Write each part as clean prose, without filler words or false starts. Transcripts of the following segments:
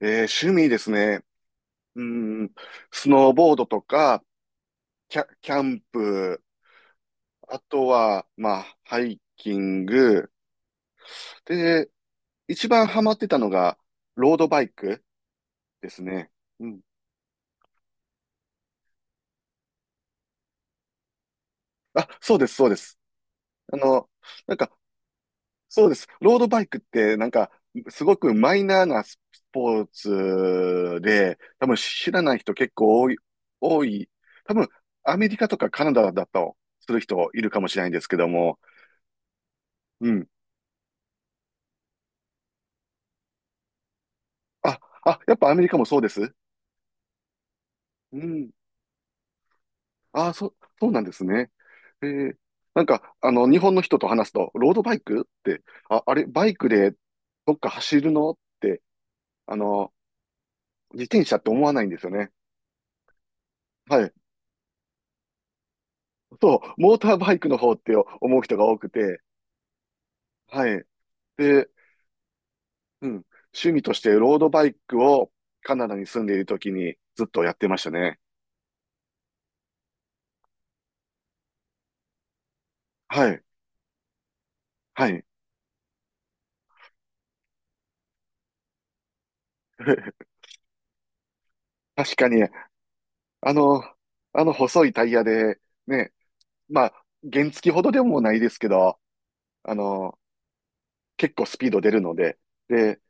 趣味ですね。うん、スノーボードとか、キャンプ、あとは、まあ、ハイキング。で、一番ハマってたのが、ロードバイクですね。うん。あ、そうです、そうです。あの、なんか、そうです。ロードバイクって、すごくマイナーなスポーツで、多分知らない人結構多い。多分、アメリカとかカナダだとする人いるかもしれないんですけども、うん。あ、あ、やっぱアメリカもそうです。うん。あ、そうなんですね。えー日本の人と話すと、ロードバイクって、あ、あれ、バイクでどっか走るのって、あの、自転車って思わないんですよね。はい。そう、モーターバイクの方って思う人が多くて、はい。で、うん。趣味としてロードバイクをカナダに住んでいる時にずっとやってましたね。はい。はい。確かに、あの、あの細いタイヤで、ね、まあ、原付ほどでもないですけど、あの、結構スピード出るので、で、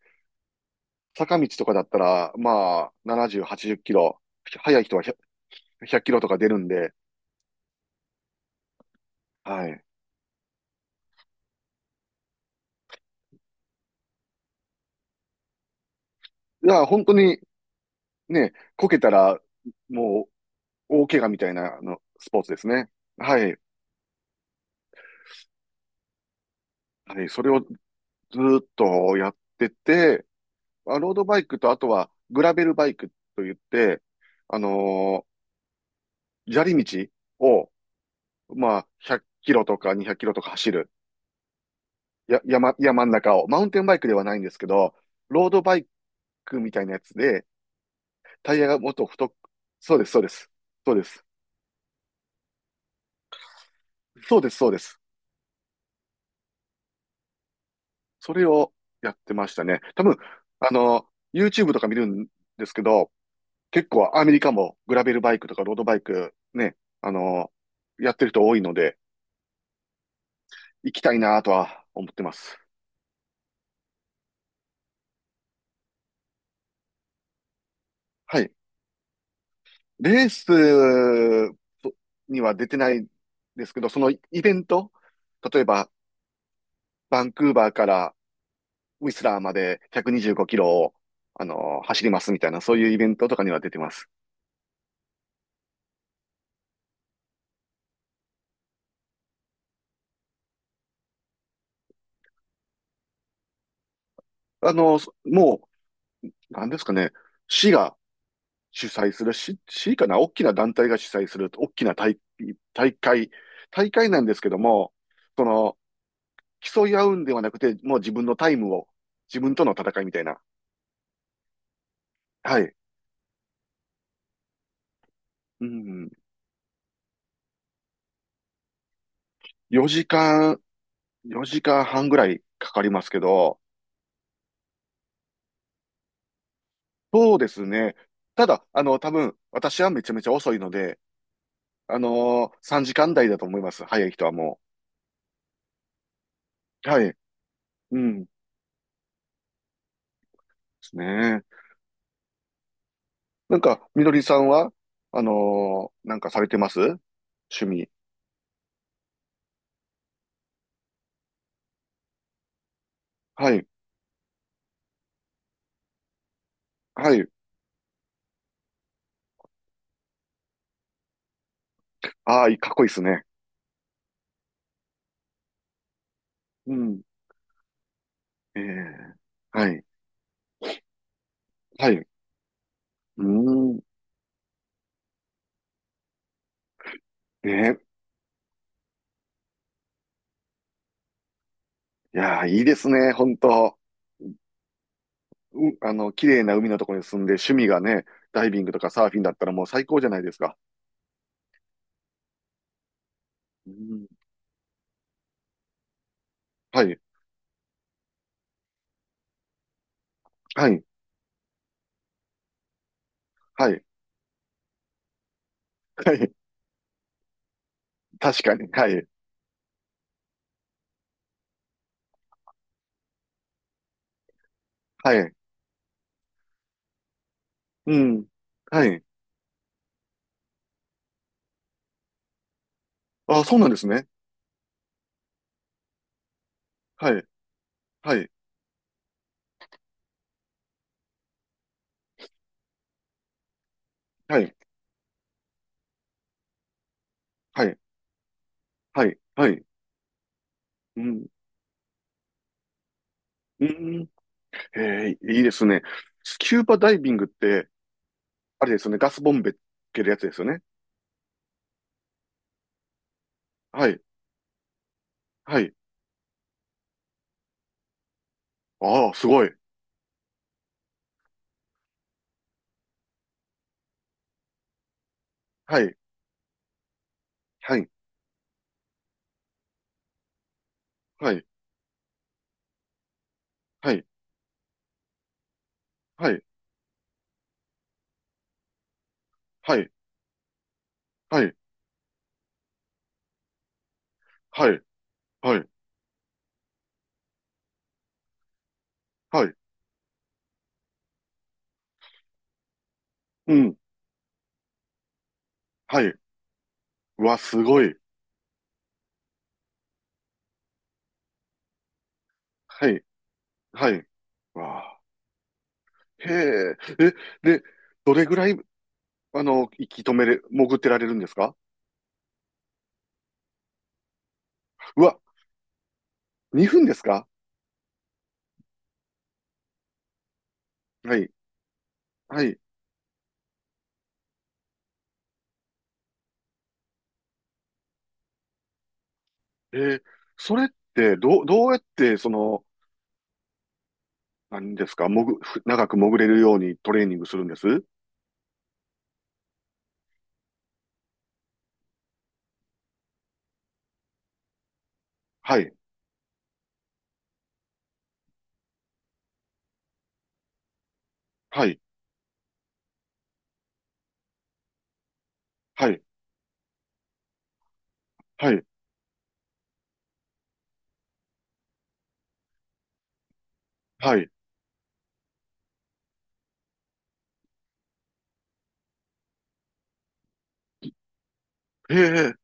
坂道とかだったら、まあ、70、80キロ、速い人は100、ひゃっキロとか出るんで、はい。いや、本当にね、こけたら、もう、大怪我みたいなあのスポーツですね。はい。はい。それをずーっとやってて、まあロードバイクと、あとは、グラベルバイクといって、あの砂利道を、まあ、100キロとか200キロとか走る。山ん中を、マウンテンバイクではないんですけど、ロードバイクみたいなやつで、タイヤがもっと太く、そうです、そうです。そうです。そうです、そうです。それをやってましたね。多分、あの、YouTube とか見るんですけど、結構アメリカもグラベルバイクとかロードバイクね、あの、やってる人多いので、行きたいなとは思ってます。はい。レースには出てないですけど、そのイベント、例えばバンクーバーからウィスラーまで125キロを、走りますみたいな、そういうイベントとかには出てます。あの、もう、なんですかね、市が主催する、市かな、大きな団体が主催する、大きな大会、大会なんですけども、その、競い合うんではなくて、もう自分のタイムを、自分との戦いみたいな。はい。うん。4時間、4時間半ぐらいかかりますけど、そうですね。ただ、多分、私はめちゃめちゃ遅いので、3時間台だと思います。早い人はもう。はい。うん。ですね。みのりさんは、なんかされてます趣味。はい。はい。ああ、かっこいいですね。うん。ええはい。はい。うーん。ね。いやー、いいですね。本当。綺麗な海のところに住んで、趣味がね、ダイビングとかサーフィンだったらもう最高じゃないですか。うん。はい。はい。はい。はい。確かに。はい。はい。うん。はい。あ、そうなんですね。はい、はい、はい、はい、はい、はい。うん、うん。いいですね。スキューバダイビングって、あれですよね、ガスボンベつけるやつですよね。はい、はい。ああ、すごい。はい、はい、はい、はい、はい、はい、はい、はい、はい、はい、うん、はい。うわ、すごい。はい、はい。わあ、へえ。え、で、どれぐらい、息止めれ、潜ってられるんですか？うわ、2分ですか？はい、はい。えーそれってどうやって何ですか、長く潜れるようにトレーニングするんです？はい、はい、はい、はい、はい。へえ、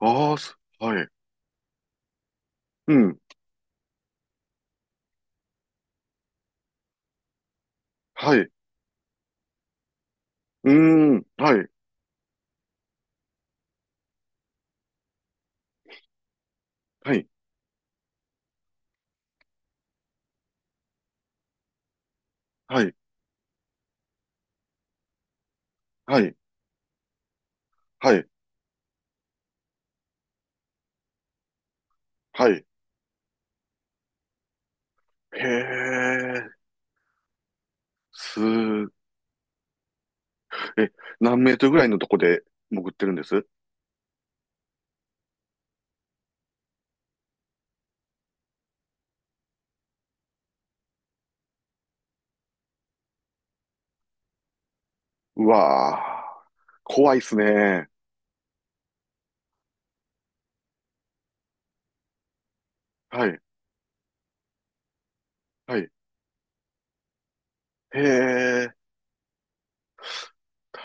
ああ、すはい、うん、はい、うーん、はい、はい、はい、はい、はい、はい。へえ、すー、え、何メートルぐらいのとこで潜ってるんです？うわー怖いっすね。はい、はい。へえ、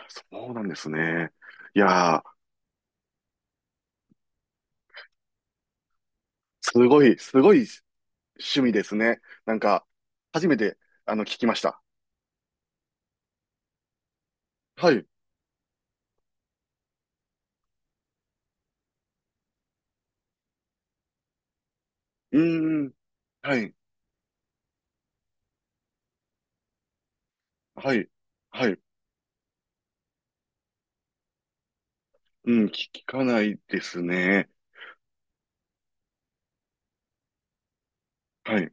そうなんですね。いやー、すごい、すごい趣味ですね。なんか、初めて、聞きました。はい。うーん。はい。はい。はい。うん、聞かないですね。はい。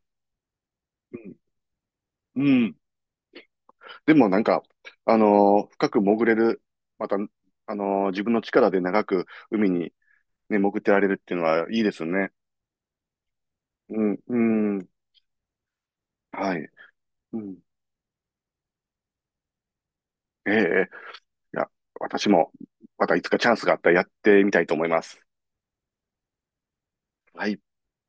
うん。うん。でも深く潜れる、また、自分の力で長く海にね、潜ってられるっていうのはいいですね。うん、うん。はい。うん。ええ、いや、私も、またいつかチャンスがあったらやってみたいと思います。はい。